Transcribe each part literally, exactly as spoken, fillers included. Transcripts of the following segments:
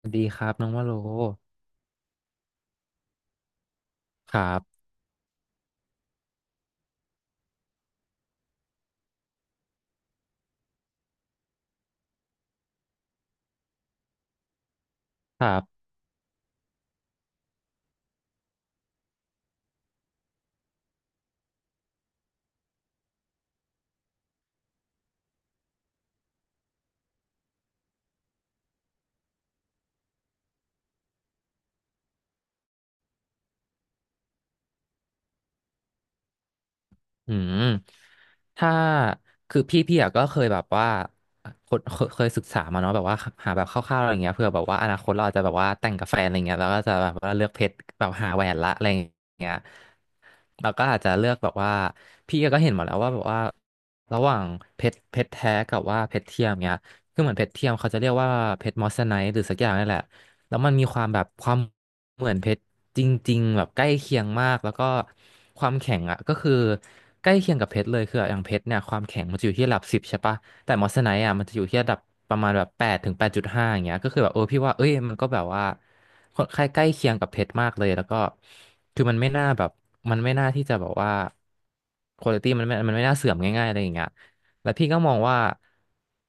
สวัสดีครับน้องว่าโลครับครับอืมถ้าคือพี่พี่อะก็เคยแบบว่าคนเคเคยศึกษามาเนาะแบบว่าหาแบบคร่าวๆอะไรเงี้ยเผื่อแบบว่าอนาคตเราอาจจะแบบว่าแต่งกับแฟนอะไรเงี้ยแล้วก็จะแบบว่าเลือกเพชรแบบหาแหวนละอะไรเงี้ยเราก็อาจจะเลือกแบบว่าพี่ก็เห็นหมดแล้วว่าแบบว่าระหว่างเพชรเพชรแท้กับว่าเพชรเทียมเงี้ยคือเหมือนเพชรเทียมเขาจะเรียกว่าเพชรมอสไนท์หรือสักอย่างนี่แหละ แล้วมันมีความแบบความเหมือนเพชรจริงๆแบบใกล้เคียงมากแล้วก็ความแข็งอ่ะก็คือใกล้เคียงกับเพชรเลยคืออย่างเพชรเนี่ยความแข็งมันจะอยู่ที่ระดับสิบใช่ปะแต่มอสไนท์อ่ะมันจะอยู่ที่ระดับประมาณแบบแปดถึงแปดจุดห้าอย่างเงี้ยก็คือแบบเออพี่ว่าเอ้ยมันก็แบบว่าค่อนข้างใกล้เคียงกับเพชรมากเลยแล้วก็คือมันไม่น่าแบบมันไม่น่าที่จะแบบว่าคุณภาพมันไม่มันไม่น่าเสื่อมง่ายๆอะไรอย่างเงี้ยแล้วพี่ก็มองว่า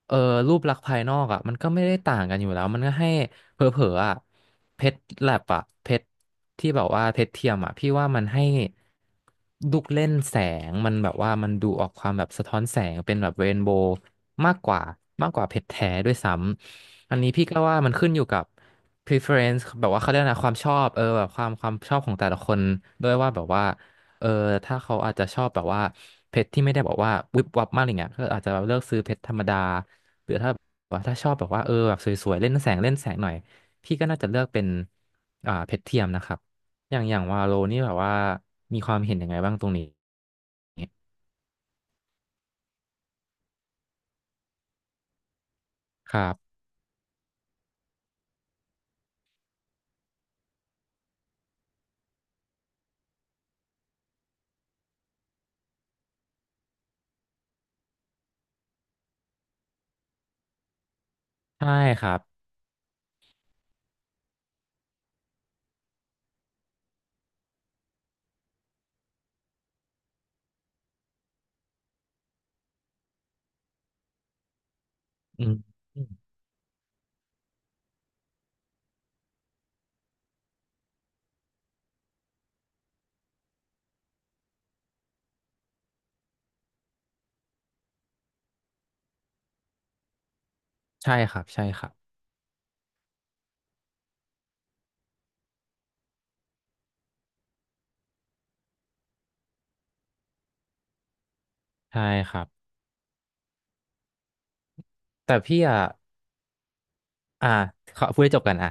เออรูปลักษณ์ภายนอกอ่ะมันก็ไม่ได้ต่างกันอยู่แล้วมันก็ให้ เผลอๆอ่ะเพชรแลบอ่ะเพชรที่แบบว่าเพชรเทียมอ่ะพี่ว่ามันให้ลูกเล่นแสงมันแบบว่ามันดูออกความแบบสะท้อนแสงเป็นแบบเรนโบว์มากกว่ามากกว่าเพชรแท้ด้วยซ้ำอันนี้พี่ก็ว่ามันขึ้นอยู่กับ preference แบบว่าเขาเรียกนะความชอบเออแบบความความชอบของแต่ละคนด้วยว่าแบบว่าเออถ้าเขาอาจจะชอบแบบว่าเพชรที่ไม่ได้บอกว่าวิบวับมากอะไรเงี้ยก็อาจจะเลือกซื้อเพชรธรรมดาหรือถ้าแบบว่าถ้าชอบแบบว่าเออแบบสวยๆเล่นแสงเล่นแสงหน่อย พี่ก็น่าจะเลือกเป็นอ่าเพชรเทียมนะครับอย่างอย่างวาโลนี่แบบว่ามีความเห็นยังไงบ้างตรงนี้ครับใช่ครับอืมใช่ครับใช่ครับใช่ครับแต่พี่อ่ะอ่าขอพูดให้จบกันอ่ะ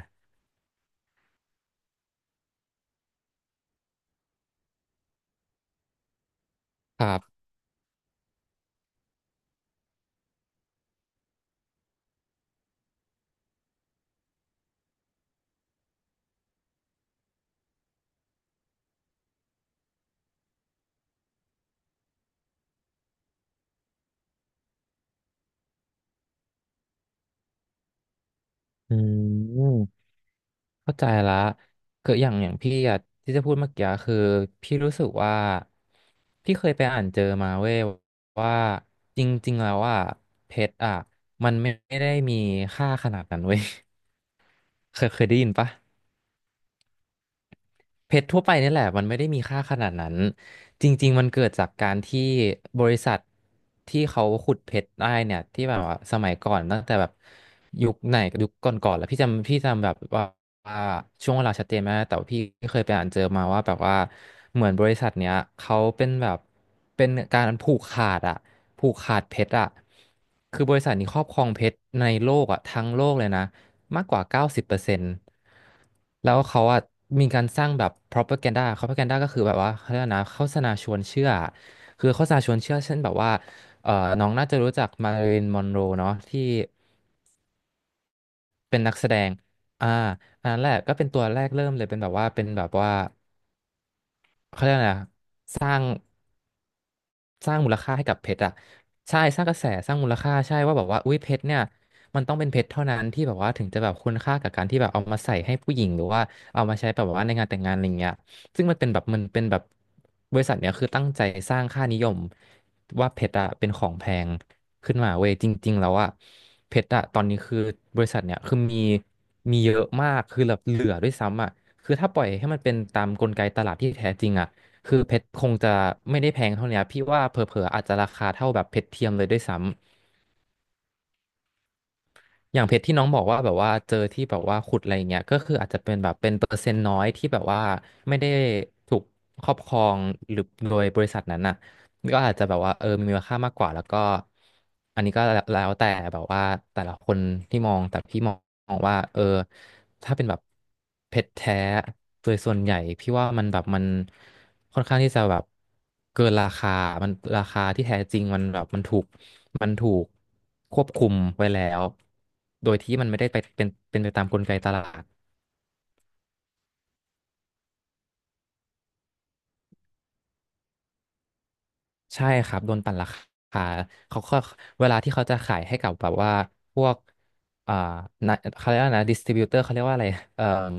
ครับอืมเข้าใจละคืออย่างอย่างพี่อะที่จะพูดเมื่อกี้คือพี่รู้สึกว่าพี่เคยไปอ่านเจอมาเว้ยว่าจริงๆแล้วอ่ะเพชรอ่ะมันไม่ไม่ได้มีค่าขนาดนั้นเว้ย เคยเคยได้ยินปะเพชรทั่วไปนี่แหละมันไม่ได้มีค่าขนาดนั้นจริงๆมันเกิดจากการที่บริษัทที่เขาขุดเพชรได้เนี่ยที่แบบว่าสมัยก่อนตั้งแต่แบบยุคไหนยุคก่อนๆแล้วพี่จำพี่จำแบบว่าว่าช่วงเวลาชัดเจนไหมากแต่ว่าพี่เคยไปอ่านเจอมาว่าแบบว่าเหมือนบริษัทเนี้ยเขาเป็นแบบเป็นการผูกขาดอะผูกขาดเพชรอะคือบริษัทนี้ครอบครองเพชรในโลกอะทั้งโลกเลยนะ มากกว่าเก้าสิบเปอร์เซ็นต์แล้วเขาอะมีการสร้างแบบ propaganda propaganda ก็คือแบบว่าเขาเรียกนะโฆษณาชวนเชื่อ คือโฆษณาชวนเชื่อเช่นแบบว่าเอ่อน้องน่าจะรู้จักมาริลมอนโรเนาะที่เป็นนักแสดงอ่าอันนั้นแหละก็เป็นตัวแรกเริ่มเลยเป็นแบบว่าเป็นแบบว่าเขาเรียกอะไรนะสร้าง สร้างมูลค่าให้กับเพชรอะใช่สร้างกระแสสร้างมูลค่าใช่ว่าแบบว่าอุ้ยเพชรเนี่ยมันต้องเป็นเพชรเท่านั้นที่แบบว่าถึงจะแบบคุณค่ากับการที่แบบเอามาใส่ให้ผู้หญิงหรือว่าเอามาใช้แบบว่าในงานแต่งงานอะไรเงี้ยซึ่งมันเป็นแบบมันเป็นแบบบริษัทเนี่ยคือตั้งใจสร้างค่านิยมว่าเพชรอะเป็นของแพงขึ้นมาเว้ยจริงๆแล้วอะเพชรอะตอนนี้คือบริษัทเนี่ยคือมีมีเยอะมากคือแบบเหลือด้วยซ้ำอะคือถ้าปล่อยให้มันเป็นตามกลไกตลาดที่แท้จริงอะ คือเพชรคงจะไม่ได้แพงเท่าเนี้ยพี่ว่าเผลอๆอาจจะราคาเท่าแบบเพชรเทียมเลยด้วยซ้ำ อย่างเพชรที่น้องบอกว่าแบบว่าเจอที่แบบว่าขุดอะไรอย่างเงี้ยก็คืออาจจะเป็นแบบเป็นเปอร์เซ็นต์น้อยที่แบบว่าไม่ได้ถูกครอบครองหรือโดยบริษัทนั้นน่ะก็อาจจะแบบว่าเออมีมูลค่ามากกว่าแล้วก็อันนี้ก็แล้วแต่แบบว่าแต่ละคนที่มองแต่พี่มองว่าเออถ้าเป็นแบบเพชรแท้โดยส่วนใหญ่พี่ว่ามันแบบมันค่อนข้างที่จะแบบเกินราคามันราคาที่แท้จริงมันแบบมันถูก มันถูกควบคุมไว้แล้ว โดยที่มันไม่ได้ไปเป็นเป็นไปตามกลไกตลาดใช่ครับโดนปั่นราคาเขาก็เวลาที่เขาจะขายให้กับแบบว่าพวกอ่านะเขาเรียกว่านะดิสติบิวเตอร์เขาเรียกว่าอะไรเอ่ม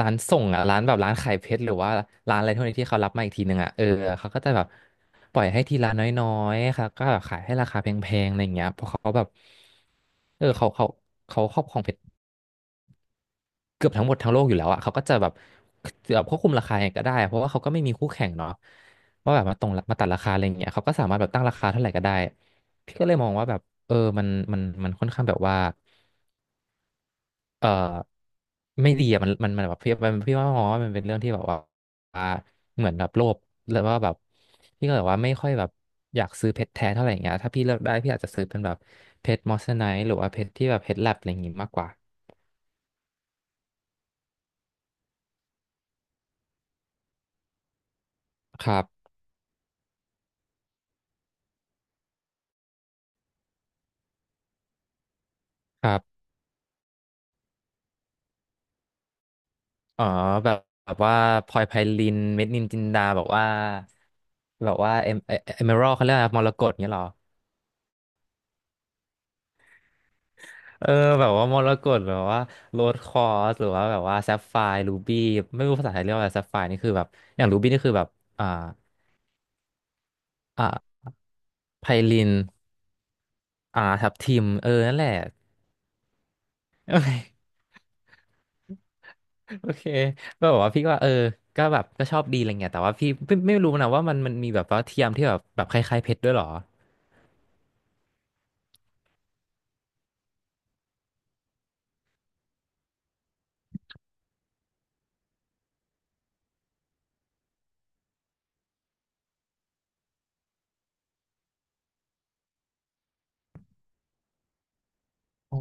ร้านส่งอ่ะร้านแบบร้านขายเพชรหรือว่าร้านอะไรพวกนี้ที่เขารับมาอีกทีหนึ่งอ่ะเออเขาก็จะแบบปล่อยให้ทีละน้อยๆค่ะก็แบบขายให้ราคาแพงๆอะไรอย่างเงี้ยเพราะเขาแบบเออเขาเขาเขาครอบครองเพชร เกือบทั้งหมดทั้งโลกอยู่แล้วอ่ะเขาก็จะแบบแบบควบคุมราคายังไงก็ได้เพราะว่าเขาก็ไม่มีคู่แข่งเนาะว่าแบบมาตรงมาตัดราคาอะไรอย่างเงี้ยเขาก็สามารถแบบตั้งราคาเท่าไหร่ก็ได้พี่ก็เลยมองว่าแบบเออมันมันมันค่อนข้างแบบว่าเออไม่ดีอ่ะมันมันมันแบบพี่มันพี่ว่ามองว่ามันเป็นเรื่องที่แบบว่าเหมือนแบบโลภแล้วว่าแบบพี่ก็แบบว่าไม่ค่อยแบบอยากซื้อเพชรแท้เท่าไหร่อย่างเงี้ยถ้าพี่เลือกได้พี่อาจจะซื้อเป็นแบบเพชรมอสไนท์หรือว่าเพชรที่แบบเพชรแลบอะไรอย่างงี้มากกว่าครับ อ๋อแบบแบบว่าพลอยไพลินเม็ดนินจินดาแบบว่าแบบว่าเอมเอเอเมอรัลเขาเรียกอะไรมรกตเงี้ยเหรอเออแบบว่ามรกตหรือว่าโรสคอร์สหรือว่าแบบว่าแซฟไฟร์รูบี้ไม่รู้ภาษาไทยเรียกว่าอะไรแซฟไฟร์นี่คือแบบอย่างรูบี้นี่คือแบบอ่าอ่าไพลินอ่าทับทิมเออนั่นแหละ โอเคโอเคก็แบบว่าพี่ก็ว่าเออก็แบบก็ชอบดีอะไรเงี้ยแต่ว่าพี่ไม่ไม่รู้นะว่ามันมันมีแบบว่าเทียมที่แบบแบบคล้ายๆเพชรด้วยเหรออ๋อ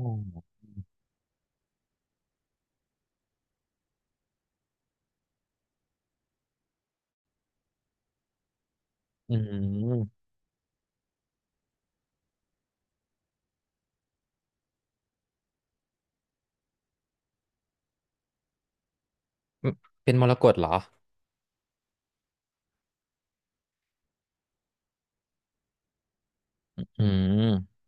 อืม อืมเป็นมรกตเหรออืม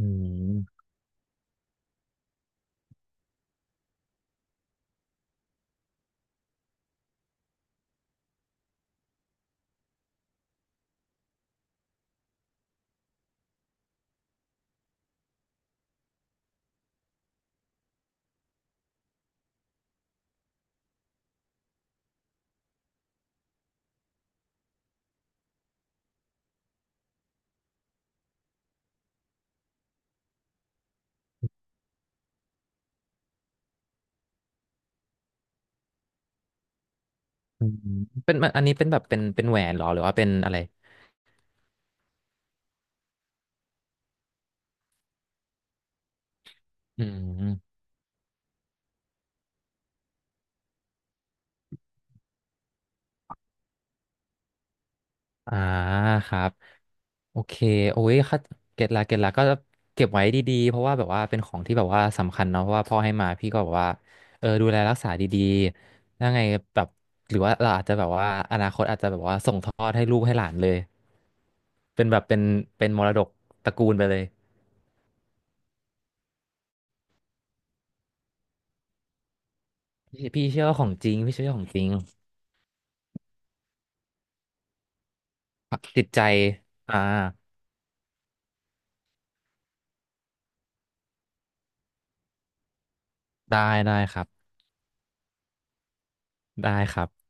อืมอืมเป็นมันอันนี้เป็นแบบเป็นเป็นแหวนเหรอหรือว่าเป็นอะไรอืมอ่าครับโอเคโอ้ยค่ะเก็ตละเก็ตละก็เก็บไว้ดีๆเพราะว่าแบบว่าเป็นของที่แบบว่าสำคัญเนาะเพราะว่าพ่อให้มาพี่ก็แบบว่าเออดูแลรักษาดีๆยังไงแบบหรือว่าเราอาจจะแบบว่าอนาคตอาจจะแบบว่าส่งทอดให้ลูกให้หลานเลย เป็นแบบเป็นเป็นมรดกตระกูลไปเลยพี่พี่เชื่อว่าของจริงพี่เชื่อว่าของจริงจิตใจอ่า ได้ได้ครับได้ครับ